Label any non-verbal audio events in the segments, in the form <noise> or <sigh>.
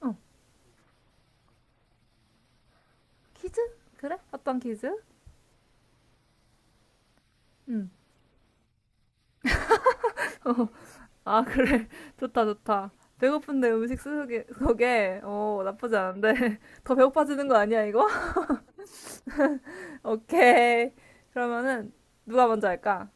어, 퀴즈? 그래? 어떤 퀴즈? 응. <laughs> 어, 아, 그래. <laughs> 좋다, 좋다. 배고픈데 음식 쓰게, 속에, 나쁘지 않은데. <laughs> 더 배고파지는 거 아니야, 이거? <laughs> 오케이. 그러면은, 누가 먼저 할까?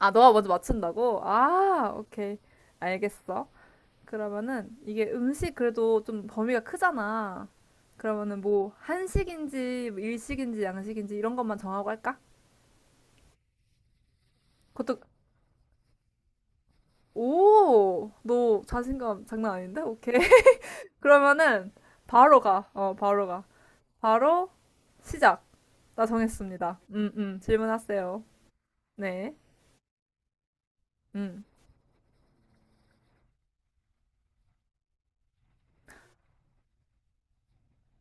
아, 너가 먼저 맞춘다고? 아, 오케이. 알겠어. 그러면은, 이게 음식 그래도 좀 범위가 크잖아. 그러면은 뭐, 한식인지, 뭐 일식인지, 양식인지 이런 것만 정하고 할까? 그것도, 오, 너 자신감 장난 아닌데? 오케이. 그러면은 바로 가. 바로 가. 바로 시작. 나 정했습니다. 질문하세요. 네. 음.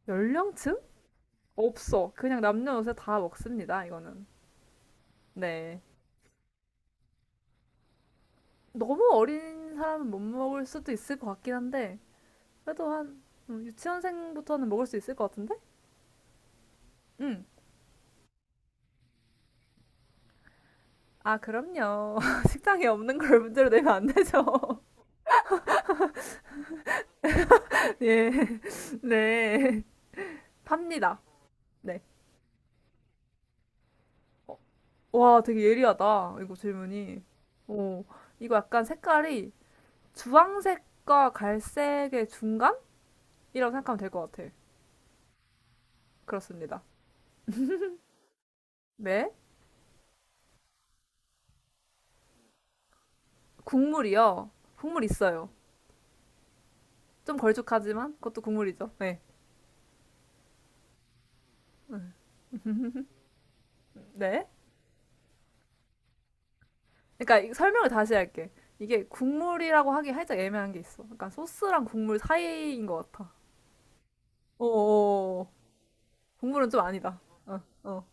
연령층? 없어. 그냥 남녀노소 다 먹습니다. 이거는. 네. 너무 어린 사람은 못 먹을 수도 있을 것 같긴 한데 그래도 한 유치원생부터는 먹을 수 있을 것 같은데? 음. 아, 그럼요. <laughs> 식당에 없는 걸 문제로 내면 안 되죠. <laughs> 예. <laughs> 네. 팝니다. 네. 와, 되게 예리하다. 이거 질문이. 어, 이거 약간 색깔이 주황색과 갈색의 중간이라고 생각하면 될 것 같아. 그렇습니다. 네. 국물이요. 국물 있어요. 좀 걸쭉하지만 그것도 국물이죠. 네. 네. 그러니까 설명을 다시 할게. 이게 국물이라고 하기 살짝 애매한 게 있어. 약간 소스랑 국물 사이인 것 같아. 어어어. 국물은 좀 아니다. 어, 어.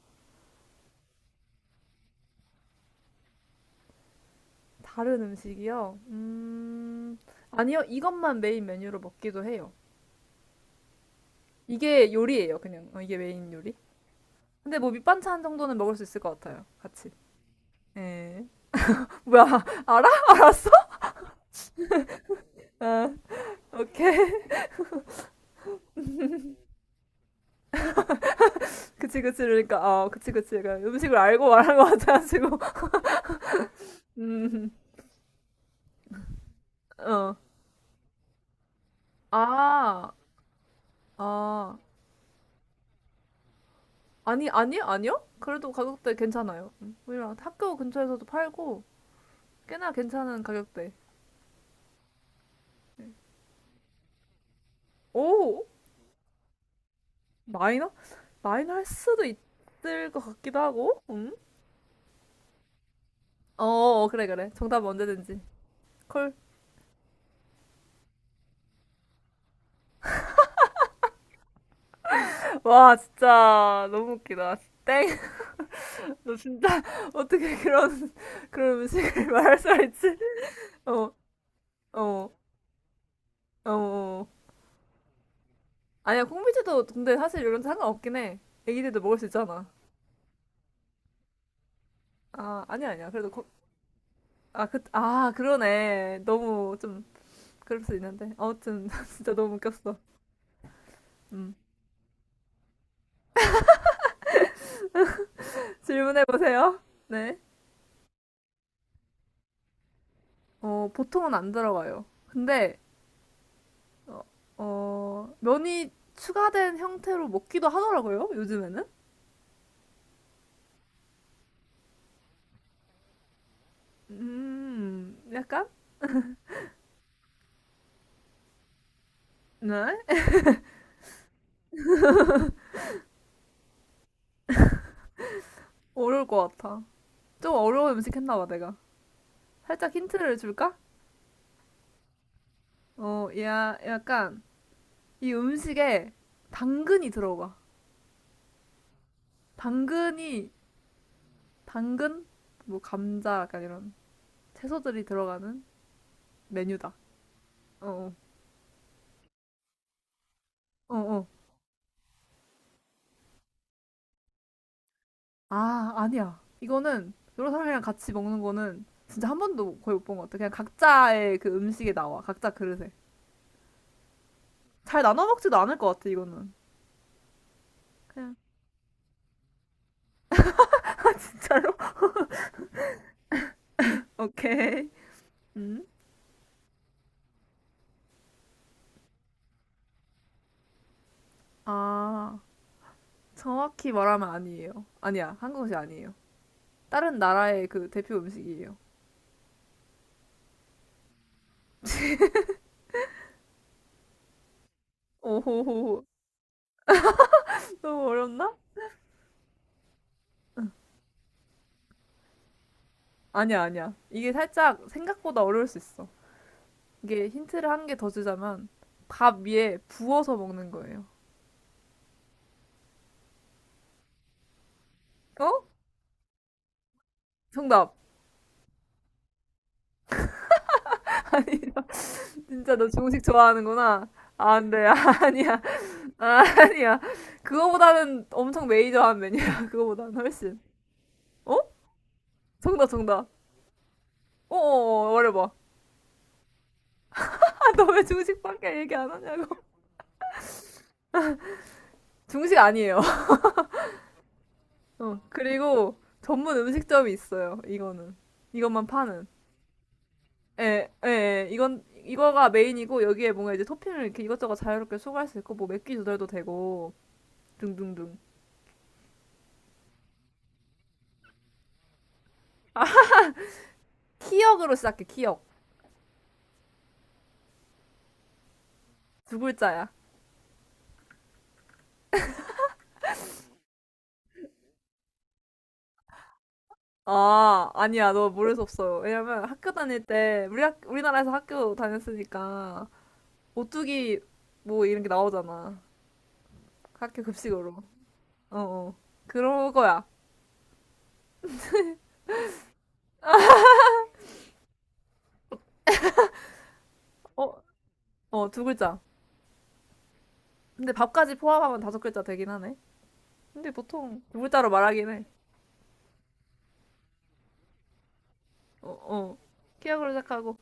다른 음식이요? 아니요. 이것만 메인 메뉴로 먹기도 해요. 이게 요리예요, 그냥. 이게 메인 요리. 근데 뭐 밑반찬 정도는 먹을 수 있을 것 같아요, 같이. 예. 뭐야, <laughs> 알아? 알았어? 아, 오케이. <laughs> 그치, 그치. 그러니까, 그치, 그치. 그러니까 음식을 알고 말한 것 같아가지고. <laughs> 음, 어. 아, 아. 아니, 아니, 아니요? 그래도 가격대 괜찮아요. 오히려 학교 근처에서도 팔고, 꽤나 괜찮은 가격대. 오! 마이너? 마이너 할 수도 있을 것 같기도 하고, 음? 어, 어, 그래, 그래. 정답 언제든지. 콜. 와, 진짜 너무 웃기다. 땡. 너 진짜 <laughs> 어떻게 그런 음식을 <laughs> 말할 수가 있지? 어, 어, 어. 어. 아니야, 콩비지도 근데 사실 이런 거 상관없긴 해. 애기들도 먹을 수 있잖아. 아, 아니야, 아니야. 그래도 거, 아, 그, 아, 그러네. 너무 좀 그럴 수 있는데. 아무튼 <laughs> 진짜 너무 웃겼어. 음. 질문해 보세요. 네. 어, 보통은 안 들어가요. 근데 어, 면이 추가된 형태로 먹기도 하더라고요, 요즘에는. 약간? 네? 어려울 것 같아. 좀 어려운 음식 했나 봐, 내가. 살짝 힌트를 줄까? 야, 약간 이 음식에 당근이 들어가. 당근이, 당근? 뭐 감자, 약간 이런 채소들이 들어가는 메뉴다. 어, 어, 어. 어. 아, 아니야. 이거는 여러 사람이랑 같이 먹는 거는 진짜 한 번도 거의 못 본 것 같아. 그냥 각자의 그 음식에 나와. 각자 그릇에. 잘 나눠 먹지도 않을 것 같아, 이거는. 그냥 <laughs> 진짜로? 오케이. 음? 아, 정확히 말하면 아니에요. 아니야, 한국음식 아니에요. 다른 나라의 그 대표 음식이에요. 오호호, 너무 어렵나? 아니야, 아니야. 이게 살짝 생각보다 어려울 수 있어. 이게 힌트를 한 개 더 주자면, 밥 위에 부어서 먹는 거예요. 어? 정답. <laughs> 아니, 진짜 너 중식 좋아하는구나. 아, 안 돼, 아, <laughs> 아니야, 아, 아니야. 그거보다는 엄청 메이저한 메뉴야, <laughs> 그거보다는 훨씬. 어? 정답, 정답. 어어어, 말해봐. <laughs> 너 왜 중식밖에 얘기 안 하냐고. <laughs> 중식 아니에요. <laughs> 그리고 전문 음식점이 있어요. 이거는. 이것만 파는. 예, 예, 예. 이거가 메인이고, 여기에 뭔가 이제 토핑을 이렇게 이것저것 자유롭게 추가할 수 있고, 뭐 맥기 조절도 되고, 등등등. 키역으로 시작해, 키역. 두 글자야. 아, 아니야. 너 모를 수 없어. 왜냐면 학교 다닐 때, 우리나라에서 학교 다녔으니까, 오뚜기 뭐 이런 게 나오잖아. 학교 급식으로. 어, 어. 그런 거야. 어, 어, 두 글자. 근데 밥까지 포함하면 다섯 글자 되긴 하네. 근데 보통 두 글자로 말하긴 해. 어, 어. 키역으로 시작하고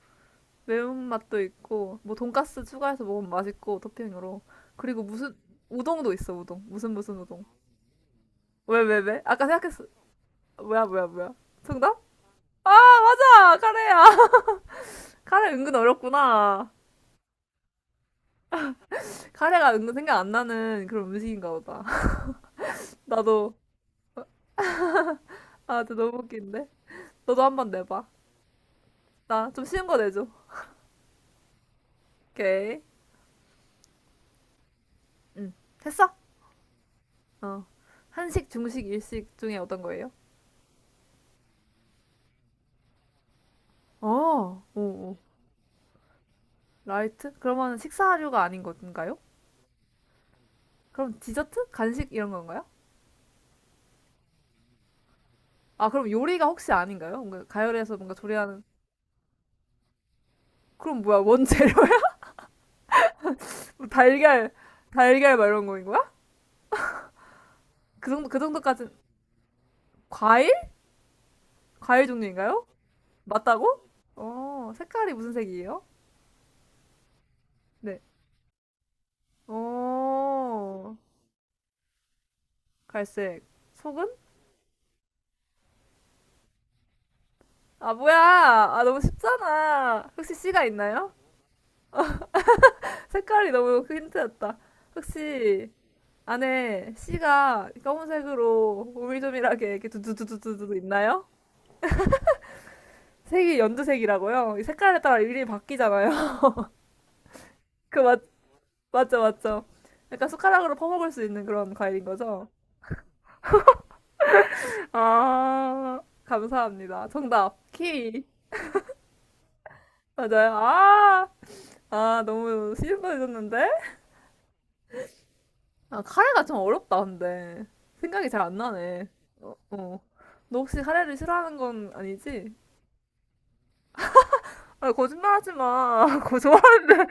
매운맛도 있고 뭐 돈가스 추가해서 먹으면 맛있고 토핑으로. 그리고 무슨 우동도 있어, 우동. 무슨 무슨 우동. 왜, 왜, 왜? 아까 생각했어. 뭐야, 뭐야, 뭐야. 정답? 자, 카레야. <laughs> 카레 은근 어렵구나. 카레가 은근 생각 안 나는 그런 음식인가 보다. <laughs> 나도 아, 진짜 너무 웃긴데. 너도 한번 내봐. 나 좀 쉬운 거 내줘. 오케이. 응. 됐어. 어. 한식, 중식, 일식 중에 어떤 거예요? 어, 오, 오. 라이트? 그러면 식사류가 아닌 건가요? 그럼 디저트? 간식 이런 건가요? 아, 그럼 요리가 혹시 아닌가요? 뭔가 가열해서 뭔가 조리하는. 그럼 뭐야, 원재료야? <laughs> 달걀, 달걀 막 이런 거인 거야? 그 정도, 그 정도까진. 과일? 과일 종류인가요? 맞다고? 색깔이 무슨 색이에요? 네. 어, 갈색. 속은? 아, 뭐야! 아, 너무 쉽잖아. 혹시 씨가 있나요? 색깔이 너무 힌트였다. 혹시 안에 씨가 검은색으로 오밀조밀하게 이렇게 두두두두두두 있나요? 색이 연두색이라고요? 이 색깔에 따라 일일이 바뀌잖아요. <laughs> 그 맞죠, 맞죠. 약간 숟가락으로 퍼먹을 수 있는 그런 과일인 거죠? 아, 감사합니다. 정답, 키위. 맞아요. 아, 아, 너무 쉬운 거해졌는데 아, 카레가 좀 어렵다, 근데. 생각이 잘 안 나네. 어, 어. 너 혹시 카레를 싫어하는 건 아니지? 아, 거짓말하지 마. <laughs> 그거 좋아하는데.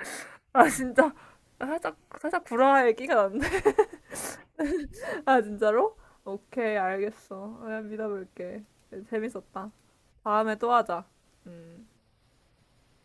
아, 진짜. 아, 살짝, 살짝 불화의 끼가 났네. <laughs> 아, 진짜로? 오케이, 알겠어. 그냥 믿어볼게. 재밌었다. 다음에 또 하자. 음.